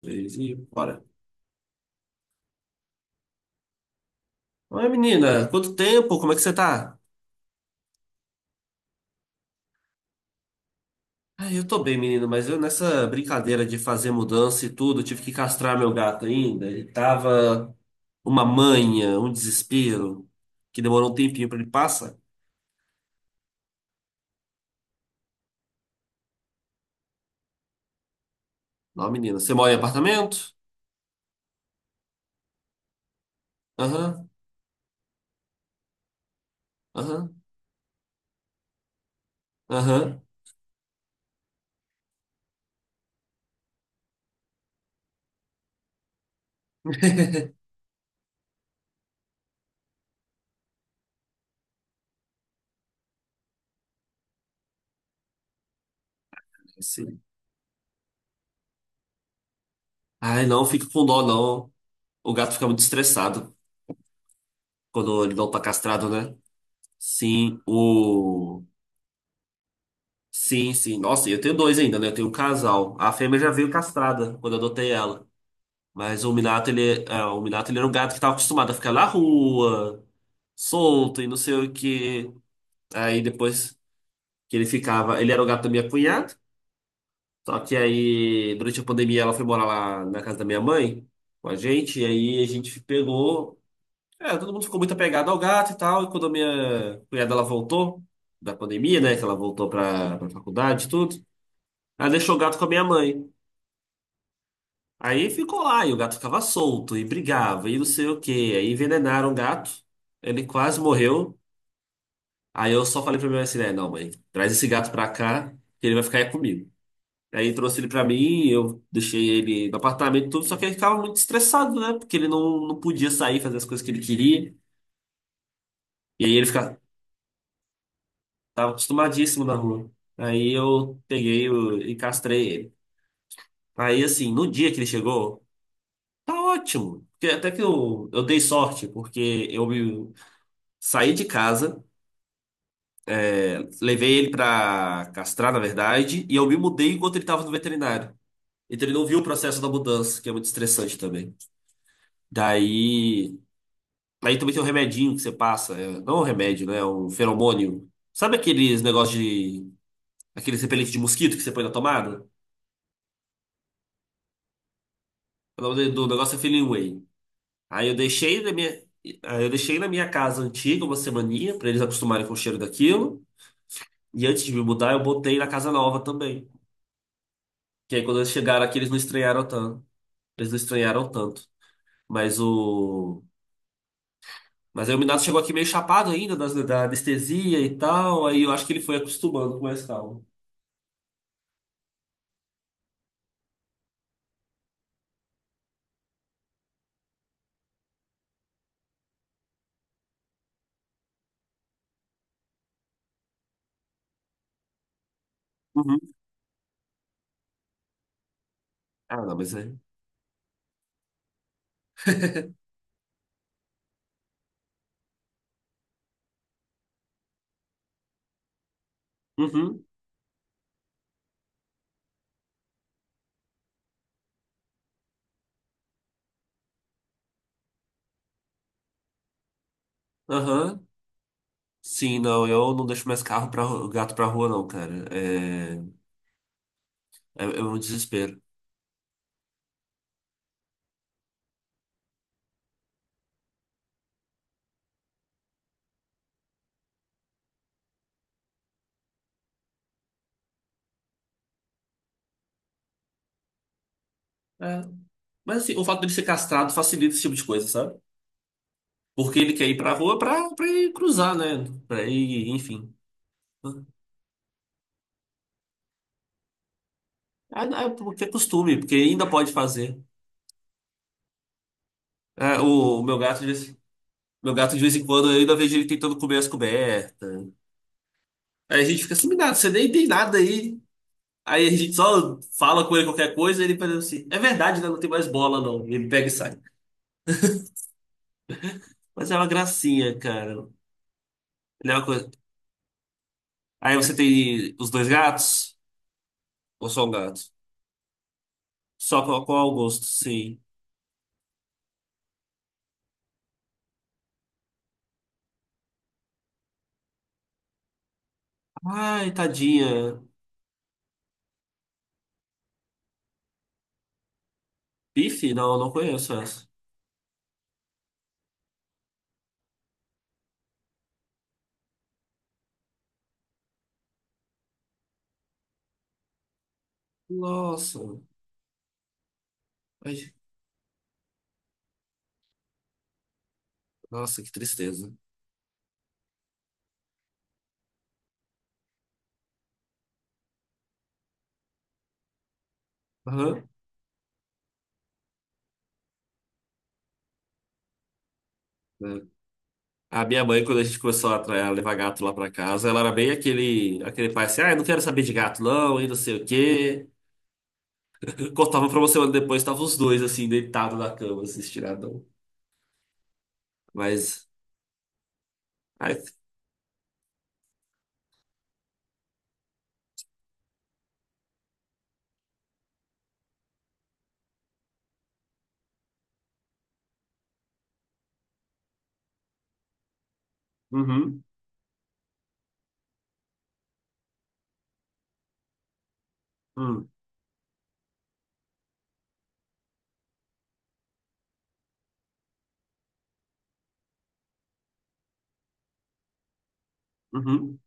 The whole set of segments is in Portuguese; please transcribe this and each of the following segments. Três e bora. Oi, menina, quanto tempo? Como é que você tá? Ah, eu tô bem, menino, mas eu nessa brincadeira de fazer mudança e tudo, eu tive que castrar meu gato ainda. Ele tava uma manha, um desespero, que demorou um tempinho pra ele passar. Não, menina, você mora em apartamento? Aham, aham, aham. Sim. Ai, não, fica com dó, não. O gato fica muito estressado quando ele não tá castrado, né? Sim, o. Sim, sim. Nossa, e eu tenho dois ainda, né? Eu tenho um casal. A fêmea já veio castrada quando eu adotei ela. Mas o Minato, ele era um gato que estava acostumado a ficar na rua, solto e não sei o que. Aí depois que ele ficava, ele era o gato da minha cunhada. Só que aí, durante a pandemia, ela foi morar lá na casa da minha mãe com a gente. E aí a gente pegou. É, todo mundo ficou muito apegado ao gato e tal. E quando a minha cunhada ela voltou da pandemia, né? Que ela voltou pra faculdade e tudo. Ela deixou o gato com a minha mãe. Aí ficou lá, e o gato ficava solto, e brigava, e não sei o quê. Aí envenenaram o gato, ele quase morreu. Aí eu só falei pra minha mãe assim, né, não, mãe, traz esse gato pra cá, que ele vai ficar aí comigo. Aí trouxe ele pra mim, eu deixei ele no apartamento e tudo, só que ele ficava muito estressado, né? Porque ele não podia sair, fazer as coisas que ele queria. E aí tava acostumadíssimo na rua. Aí eu peguei e castrei ele. Aí, assim, no dia que ele chegou, tá ótimo. Porque até que eu dei sorte, porque eu me saí de casa, levei ele pra castrar, na verdade, e eu me mudei enquanto ele tava no veterinário. Então ele não viu o processo da mudança, que é muito estressante também. Daí. Aí também tem um remedinho que você passa, é, não é um remédio, né? É um feromônio. Sabe aqueles negócios de. Aqueles repelentes de mosquito que você põe na tomada? O nome do negócio é Feeling Way. Aí eu deixei na minha. Aí eu deixei na minha casa antiga uma semaninha, pra eles acostumarem com o cheiro daquilo. E antes de me mudar, eu botei na casa nova também. Que aí quando eles chegaram aqui, eles não estranharam tanto. Eles não estranharam tanto. Mas o. Mas aí o Minato chegou aqui meio chapado ainda da anestesia e tal. Aí eu acho que ele foi acostumando com mais calma. Uhum. Ah, não, mas é. Uhum. Aham. Sim, não, eu não deixo mais carro para gato pra rua, não, cara. É um desespero. É. Mas assim, o fato dele ser castrado facilita esse tipo de coisa, sabe? Porque ele quer ir pra rua pra, ir cruzar, né? Pra ir, enfim. Ah, é porque é costume, porque ainda pode fazer. Ah, o meu gato, de vez em quando, eu ainda vejo ele tentando comer as cobertas. Aí a gente fica assim, nada, você nem tem nada aí. Aí a gente só fala com ele qualquer coisa e ele fala assim: é verdade, né? Não tem mais bola, não. E ele pega e sai. Mas é uma gracinha, cara. Ele é uma coisa. Aí você tem os dois gatos? Ou só um gato? Só qual o gosto? Sim. Ai, tadinha. Bife? Não, não conheço essa. Nossa. Ai, nossa, que tristeza. Aham. É. A minha mãe, quando a gente começou a a levar gato lá pra casa, ela era bem aquele, pai assim, ah, eu não quero saber de gato não, e não sei o quê. Cortava pra uma semana depois, estavam os dois assim, deitados na cama, assim, estiradão. Mas, ai, uhum, uhum, uhum.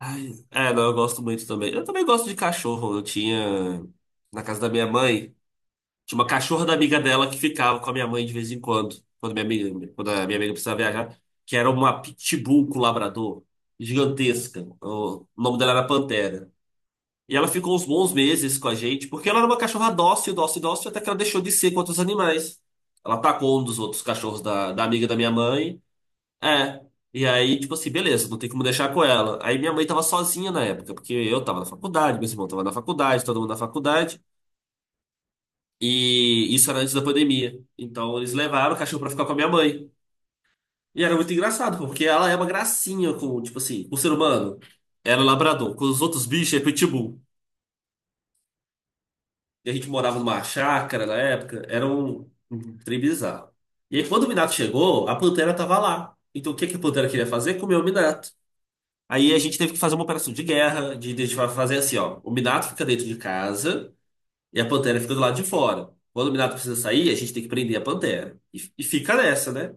Ai, é, não, eu gosto muito também. Eu também gosto de cachorro, eu tinha na casa da minha mãe. Tinha uma cachorra da amiga dela que ficava com a minha mãe de vez em quando, quando a minha amiga precisava viajar, que era uma pitbull com labrador, gigantesca. O nome dela era Pantera. E ela ficou uns bons meses com a gente, porque ela era uma cachorra dócil, dócil, dócil, até que ela deixou de ser com outros animais. Ela atacou um dos outros cachorros da, amiga da minha mãe. É. E aí, tipo assim, beleza, não tem como deixar com ela. Aí minha mãe tava sozinha na época, porque eu tava na faculdade, meu irmão tava na faculdade, todo mundo na faculdade. E isso era antes da pandemia. Então eles levaram o cachorro pra ficar com a minha mãe. E era muito engraçado, porque ela é uma gracinha com, tipo assim, o ser humano. Era labrador. Com os outros bichos é pitbull. E a gente morava numa chácara na época. Era um trem bizarro. E aí quando o Minato chegou, a Pantera tava lá. Então o que que a Pantera queria fazer? Comer o Minato. Aí a gente teve que fazer uma operação de guerra, de fazer assim, ó. O Minato fica dentro de casa. E a Pantera fica do lado de fora. Quando o Minato precisa sair, a gente tem que prender a Pantera. E fica nessa, né?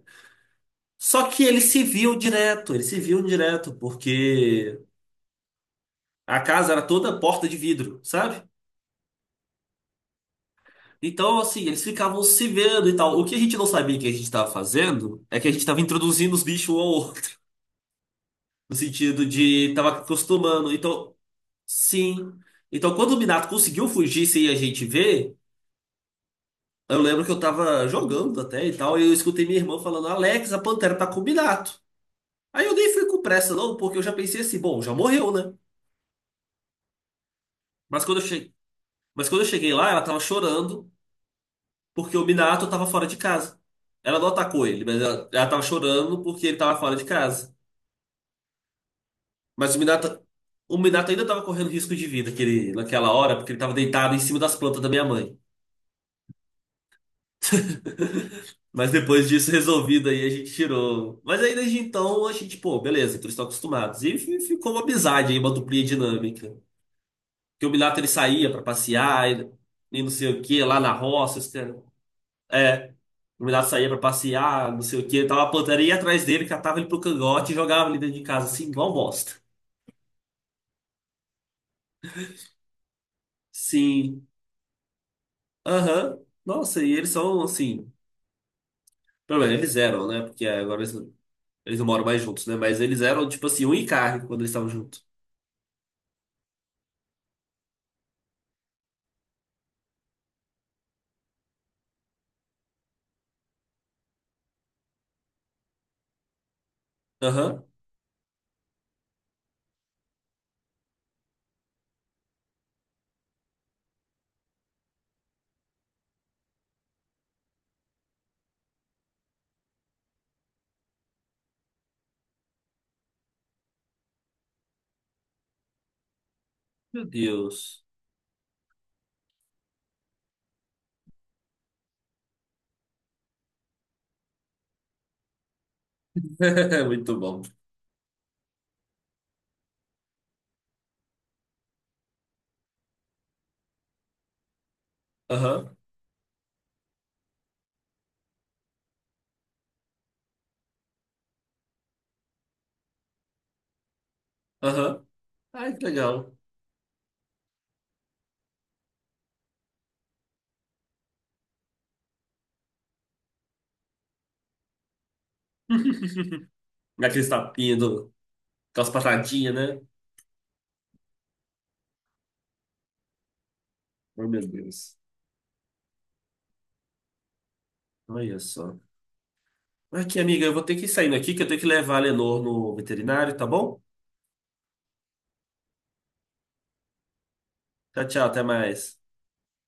Só que eles se viam direto, eles se viam direto, porque a casa era toda porta de vidro, sabe? Então, assim, eles ficavam se vendo e tal. O que a gente não sabia que a gente estava fazendo é que a gente estava introduzindo os bichos um ao outro, no sentido de estava acostumando. Então, sim. Então, quando o Minato conseguiu fugir sem a gente ver. Eu lembro que eu tava jogando até e tal, e eu escutei minha irmã falando, Alex, a Pantera tá com o Minato. Aí eu nem fui com pressa, não, porque eu já pensei assim, bom, já morreu, né? Mas quando eu cheguei, mas quando eu cheguei lá, ela tava chorando porque o Minato tava fora de casa. Ela não atacou ele, mas ela tava chorando porque ele tava fora de casa. Mas o Minato ainda tava correndo risco de vida aquele, naquela hora, porque ele tava deitado em cima das plantas da minha mãe. Mas depois disso resolvido aí, a gente tirou. Mas aí desde então a gente, pô, beleza, então eles estão acostumados. E ficou uma amizade aí, uma duplinha dinâmica. Que o Minato ele saía pra passear e, não sei o que lá na roça. É, o Minato saía pra passear, não sei o que. Tava a plantaria ia atrás dele, catava ele pro cangote e jogava ele dentro de casa, assim, igual bosta. Sim, aham. Nossa, e eles são assim. Pelo menos eles eram, né? Porque agora eles não moram mais juntos, né? Mas eles eram, tipo assim, um e carne quando eles estavam juntos. Aham. Meu Deus. É muito bom. Aham, aham. Ai, que legal. Aqueles tapinhas, aquelas patadinhas, né? Oh, meu Deus. Olha só. Aqui, amiga, eu vou ter que ir saindo aqui, que eu tenho que levar a Lenor no veterinário, tá bom? Tchau, tchau, até mais.